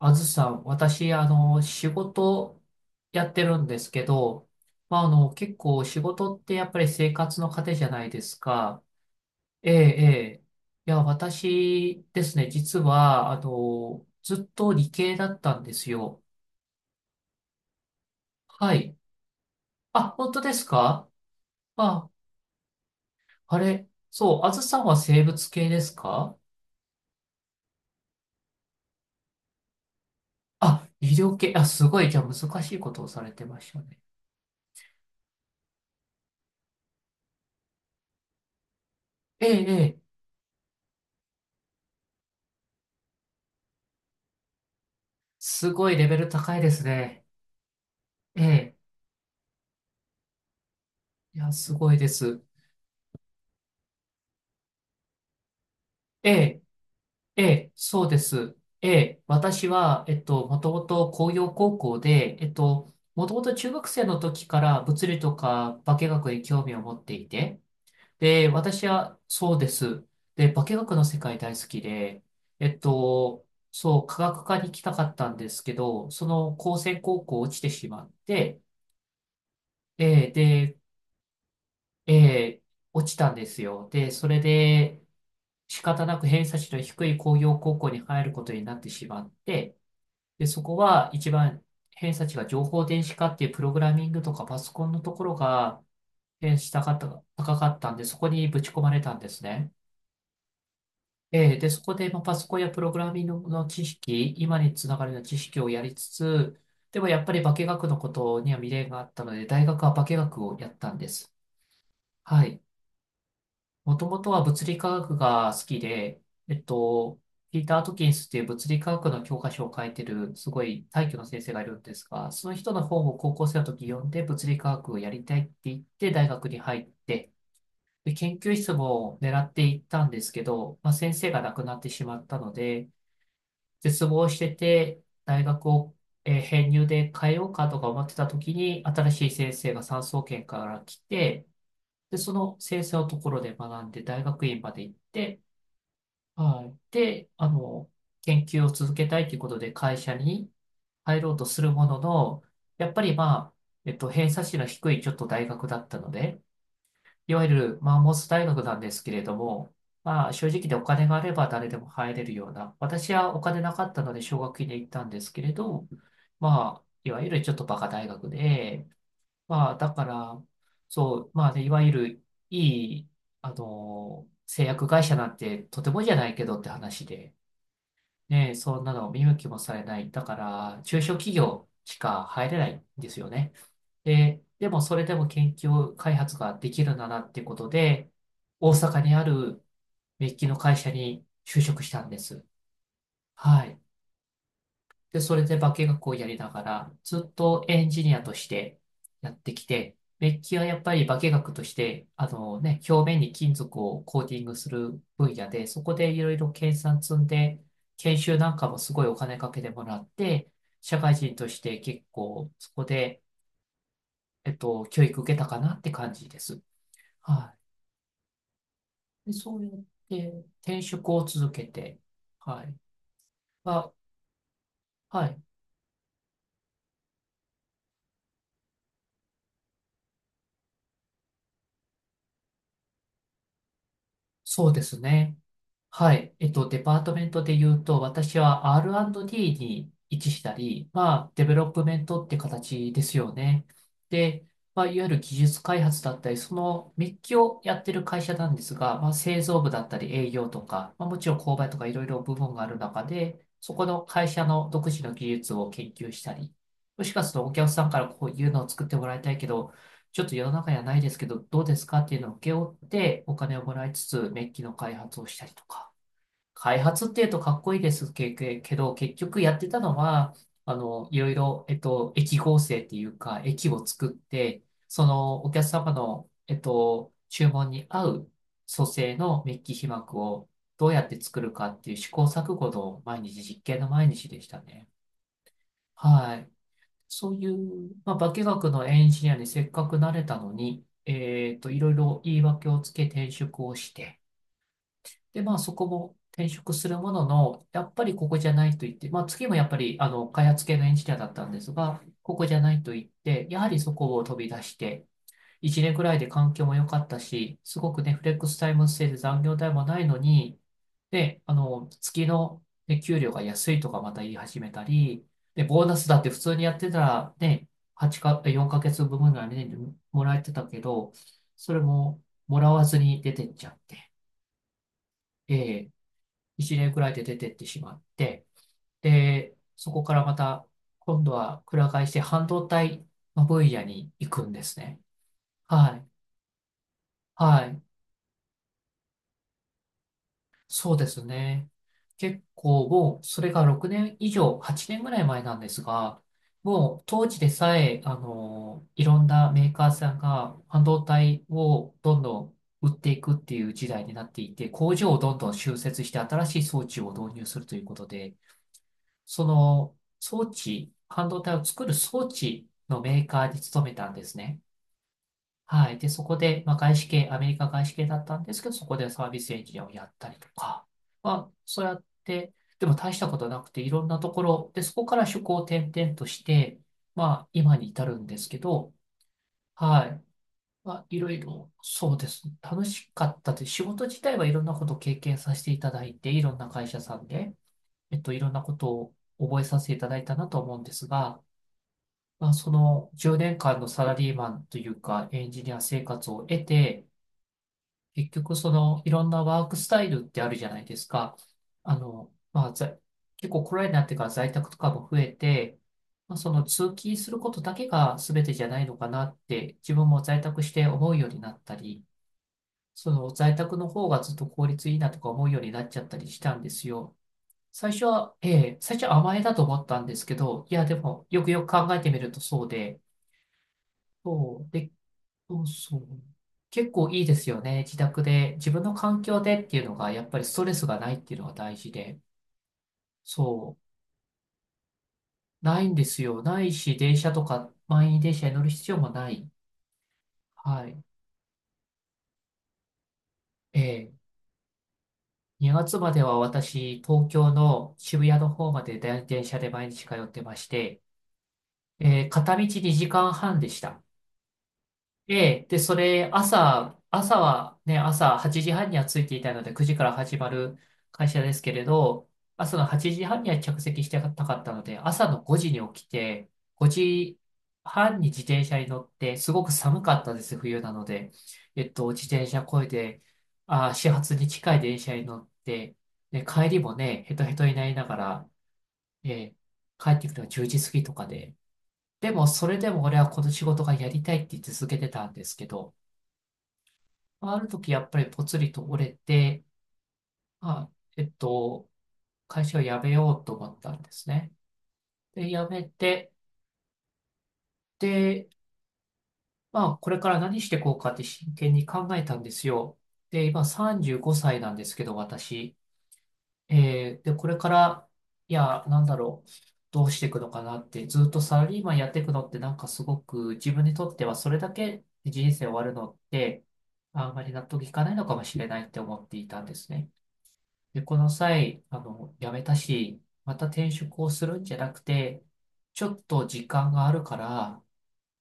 あずさん、私、仕事やってるんですけど、まあ、結構仕事ってやっぱり生活の糧じゃないですか。ええ、ええ。いや、私ですね、実は、ずっと理系だったんですよ。はい。あ、本当ですかあ、あれ、そう、あずさんは生物系ですかあ、医療系、あ、すごい、じゃあ難しいことをされてましたね。ええ、ええ、すごいレベル高いですね。ええ。いや、すごいです。ええ、ええ、そうです。ええ、私は、もともと工業高校で、もともと中学生の時から物理とか化学に興味を持っていて、で、私は、そうです。で、化学の世界大好きで、えっと、そう、科学科に行きたかったんですけど、その、高専高校落ちてしまって、ええ、で、ええ、落ちたんですよ。で、それで、仕方なく偏差値の低い工業高校に入ることになってしまって、で、そこは一番偏差値が情報電子化っていうプログラミングとかパソコンのところが偏差値高かったんで、そこにぶち込まれたんですね。で、そこでまあパソコンやプログラミングの知識、今につながるような知識をやりつつ、でもやっぱり化学のことには未練があったので、大学は化学をやったんです。はい。もともとは物理科学が好きで、えっと、ピーター・アトキンスっていう物理科学の教科書を書いてる、すごい大挙の先生がいるんですが、その人の本を高校生の時読んで物理科学をやりたいって言って大学に入って、で、研究室も狙っていったんですけど、まあ、先生が亡くなってしまったので、絶望してて、大学を、編入で変えようかとか思ってた時に、新しい先生が産総研から来て、で、その先生のところで学んで、大学院まで行って、はい。で、研究を続けたいということで会社に入ろうとするものの、やっぱりまあ、偏差値の低いちょっと大学だったので、いわゆるマンモス大学なんですけれども、まあ、正直でお金があれば誰でも入れるような、私はお金なかったので奨学金で行ったんですけれど、まあ、いわゆるちょっとバカ大学で、まあ、だから、そう、まあ、でいわゆるいい、製薬会社なんてとてもじゃないけどって話で、ね、そんなの見向きもされない。だから、中小企業しか入れないんですよね。で、でもそれでも研究開発ができるならっていうことで、大阪にあるメッキの会社に就職したんです。はい。で、それで化学をやりながら、ずっとエンジニアとしてやってきて、メッキはやっぱり化学として、ね、表面に金属をコーティングする分野で、そこでいろいろ研鑽積んで、研修なんかもすごいお金かけてもらって、社会人として結構そこで、教育受けたかなって感じです。はい。で、そうやって転職を続けて、はい。まあ、はい。そうですね。はい。デパートメントで言うと、私は R&D に位置したり、まあ、デベロップメントって形ですよね。で、まあ、いわゆる技術開発だったり、そのメッキをやってる会社なんですが、まあ、製造部だったり営業とか、まあ、もちろん購買とかいろいろ部門がある中で、そこの会社の独自の技術を研究したり、もしかするとお客さんからこういうのを作ってもらいたいけど、ちょっと世の中にはないですけど、どうですかっていうのを請け負ってお金をもらいつつ、メッキの開発をしたりとか。開発っていうとかっこいいですけど、結局やってたのは、いろいろ、駅合成っていうか、駅を作って、そのお客様の、注文に合う組成のメッキ被膜をどうやって作るかっていう試行錯誤の毎日、実験の毎日でしたね。はい。そういう、まあ、化学のエンジニアにせっかくなれたのに、いろいろ言い訳をつけ転職をして、で、まあ、そこも転職するものの、やっぱりここじゃないと言って、まあ、次もやっぱり、開発系のエンジニアだったんですが、ここじゃないと言って、やはりそこを飛び出して、1年くらいで環境も良かったし、すごくね、フレックスタイム制で残業代もないのに、で、月の、ね、給料が安いとかまた言い始めたり、で、ボーナスだって普通にやってたらね、8か、4ヶ月分ぐらいね、もらえてたけど、それももらわずに出てっちゃって、ええ、1年くらいで出てってしまって、で、そこからまた今度はくら替えして半導体の分野に行くんですね。はい。はい。そうですね。結構もう、それが6年以上、8年ぐらい前なんですが、もう当時でさえ、いろんなメーカーさんが半導体をどんどん売っていくっていう時代になっていて、工場をどんどん新設して新しい装置を導入するということで、その装置、半導体を作る装置のメーカーに勤めたんですね。はい。で、そこで、まあ、外資系、アメリカ外資系だったんですけど、そこでサービスエンジニアをやったりとか、まあ、そうやって、でも大したことなくて、いろんなところ、で、そこから職を転々として、まあ、今に至るんですけど、はい。まあ、いろいろ、そうです。楽しかったです。仕事自体はいろんなことを経験させていただいて、いろんな会社さんで、いろんなことを覚えさせていただいたなと思うんですが、まあ、その10年間のサラリーマンというか、エンジニア生活を得て、結局、その、いろんなワークスタイルってあるじゃないですか。まあ、結構コロナになってから在宅とかも増えて、まあ、その通勤することだけが全てじゃないのかなって、自分も在宅して思うようになったり、その在宅の方がずっと効率いいなとか思うようになっちゃったりしたんですよ。最初は、ええ、最初は甘えだと思ったんですけど、いや、でも、よくよく考えてみるとそうで、そう、で、そうそう。結構いいですよね。自宅で、自分の環境でっていうのが、やっぱりストレスがないっていうのが大事で。そう。ないんですよ。ないし、電車とか、満員電車に乗る必要もない。はい。ええ。2月までは私、東京の渋谷の方まで電車で毎日通ってまして、ええ、片道2時間半でした。で、それ、朝はね、朝8時半には着いていたので、9時から始まる会社ですけれど、朝の8時半には着席してたかったので、朝の5時に起きて、5時半に自転車に乗って、すごく寒かったです、冬なので。自転車こいで、始発に近い電車に乗って、で、帰りもね、ヘトヘトになりながら、えー帰ってくるのが10時過ぎとかで。でも、それでも俺はこの仕事がやりたいって続けてたんですけど、ある時やっぱりぽつりと折れて、あ、えっと、会社を辞めようと思ったんですね。で、辞めて、で、まあ、これから何していこうかって真剣に考えたんですよ。で、今35歳なんですけど、私。で、これから、いや、なんだろう、どうしていくのかなって、ずっとサラリーマンやっていくのって、なんかすごく自分にとってはそれだけで人生終わるのって、あんまり納得いかないのかもしれないって思っていたんですね。で、この際、辞めたし、また転職をするんじゃなくて、ちょっと時間があるから、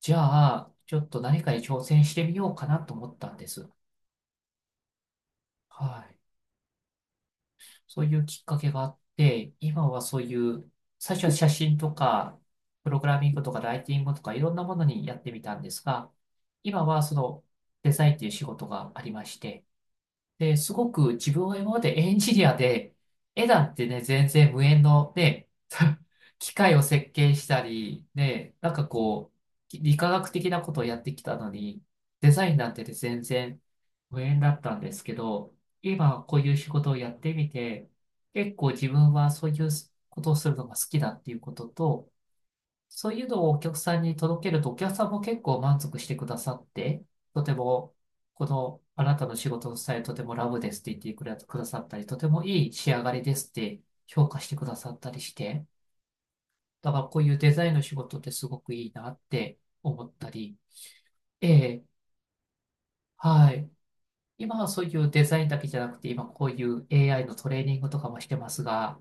じゃあ、ちょっと何かに挑戦してみようかなと思ったんです。はい。そういうきっかけがあって、今はそういう、最初は写真とか、プログラミングとかライティングとかいろんなものにやってみたんですが、今はそのデザインという仕事がありまして、で、すごく自分は今までエンジニアで、絵なんてね、全然無縁のね、機械を設計したり、ね、なんかこう、理化学的なことをやってきたのに、デザインなんてね全然無縁だったんですけど、今こういう仕事をやってみて、結構自分はそういうことをするのが好きだっていうことと、そういうのをお客さんに届けると、お客さんも結構満足してくださって、とても、この、あなたの仕事のスタイルとてもラブですって言ってくれくださったり、とてもいい仕上がりですって評価してくださったりして、だからこういうデザインの仕事ってすごくいいなって思ったり、ええ、はい。今はそういうデザインだけじゃなくて、今こういう AI のトレーニングとかもしてますが、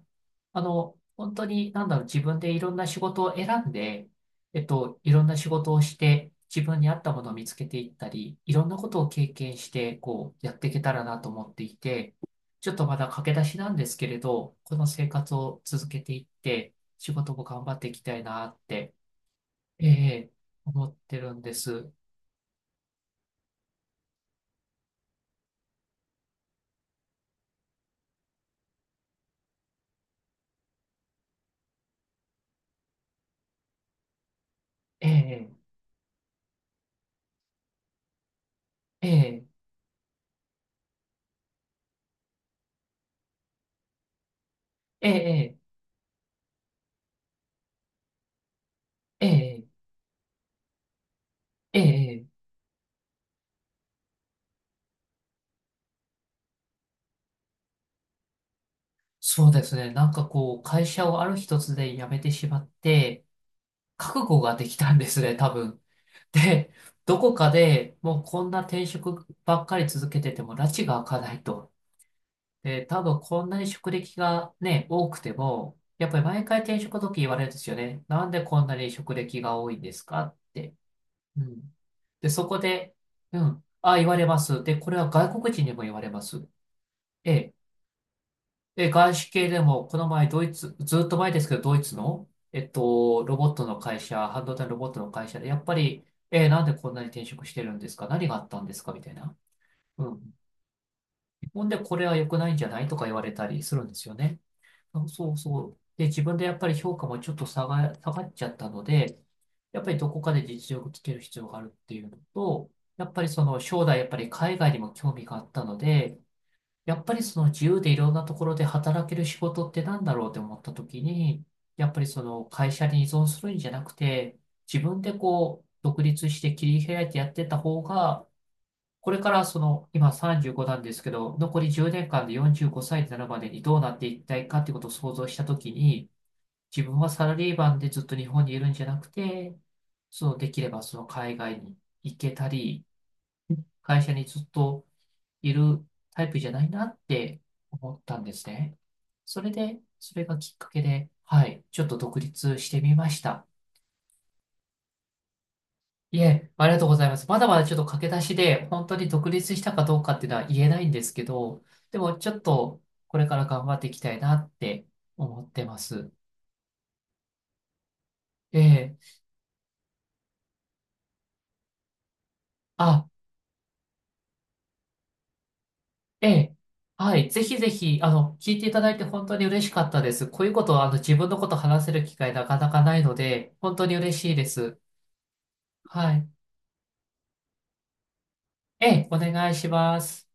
本当に、なんだろう、自分でいろんな仕事を選んで、いろんな仕事をして、自分に合ったものを見つけていったり、いろんなことを経験して、こう、やっていけたらなと思っていて、ちょっとまだ駆け出しなんですけれど、この生活を続けていって、仕事も頑張っていきたいなって、ええ、思ってるんです。ええ、ええ、ええ、ええ、ええ、ええそうですね。なんかこう、会社をある一つで辞めてしまって、覚悟ができたんですね、多分。で、どこかでもうこんな転職ばっかり続けてても、埒が明かないと。で、多分こんなに職歴がね、多くても、やっぱり毎回転職の時言われるんですよね。なんでこんなに職歴が多いんですかって。うん。で、そこで、うん、あ、言われます。で、これは外国人にも言われます。ええで、外資系でも、この前ドイツ、ずっと前ですけど、ドイツの、ロボットの会社、半導体のロボットの会社で、やっぱり、なんでこんなに転職してるんですか、何があったんですかみたいな。うん。ほんで、これは良くないんじゃないとか言われたりするんですよね。そうそうそう。で、自分でやっぱり評価もちょっと下がっちゃったので、やっぱりどこかで実力つける必要があるっていうのと、やっぱりその将来やっぱり海外にも興味があったので、やっぱりその自由でいろんなところで働ける仕事ってなんだろうって思った時に、やっぱりその会社に依存するんじゃなくて、自分でこう独立して切り開いてやってた方が、これからその今35なんですけど、残り10年間で45歳になるまでにどうなっていきたいかってことを想像した時に、自分はサラリーマンでずっと日本にいるんじゃなくて、そのできればその海外に行けたり、会社にずっといるタイプじゃないなって思ったんですね。それで、それがきっかけで、はい、ちょっと独立してみました。いえ、ありがとうございます。まだまだちょっと駆け出しで、本当に独立したかどうかっていうのは言えないんですけど、でもちょっとこれから頑張っていきたいなって思ってます。ええ、あ、ええ、はい、ぜひぜひ、聞いていただいて本当に嬉しかったです。こういうことは、自分のこと話せる機会なかなかないので、本当に嬉しいです。はい。ええ、お願いします。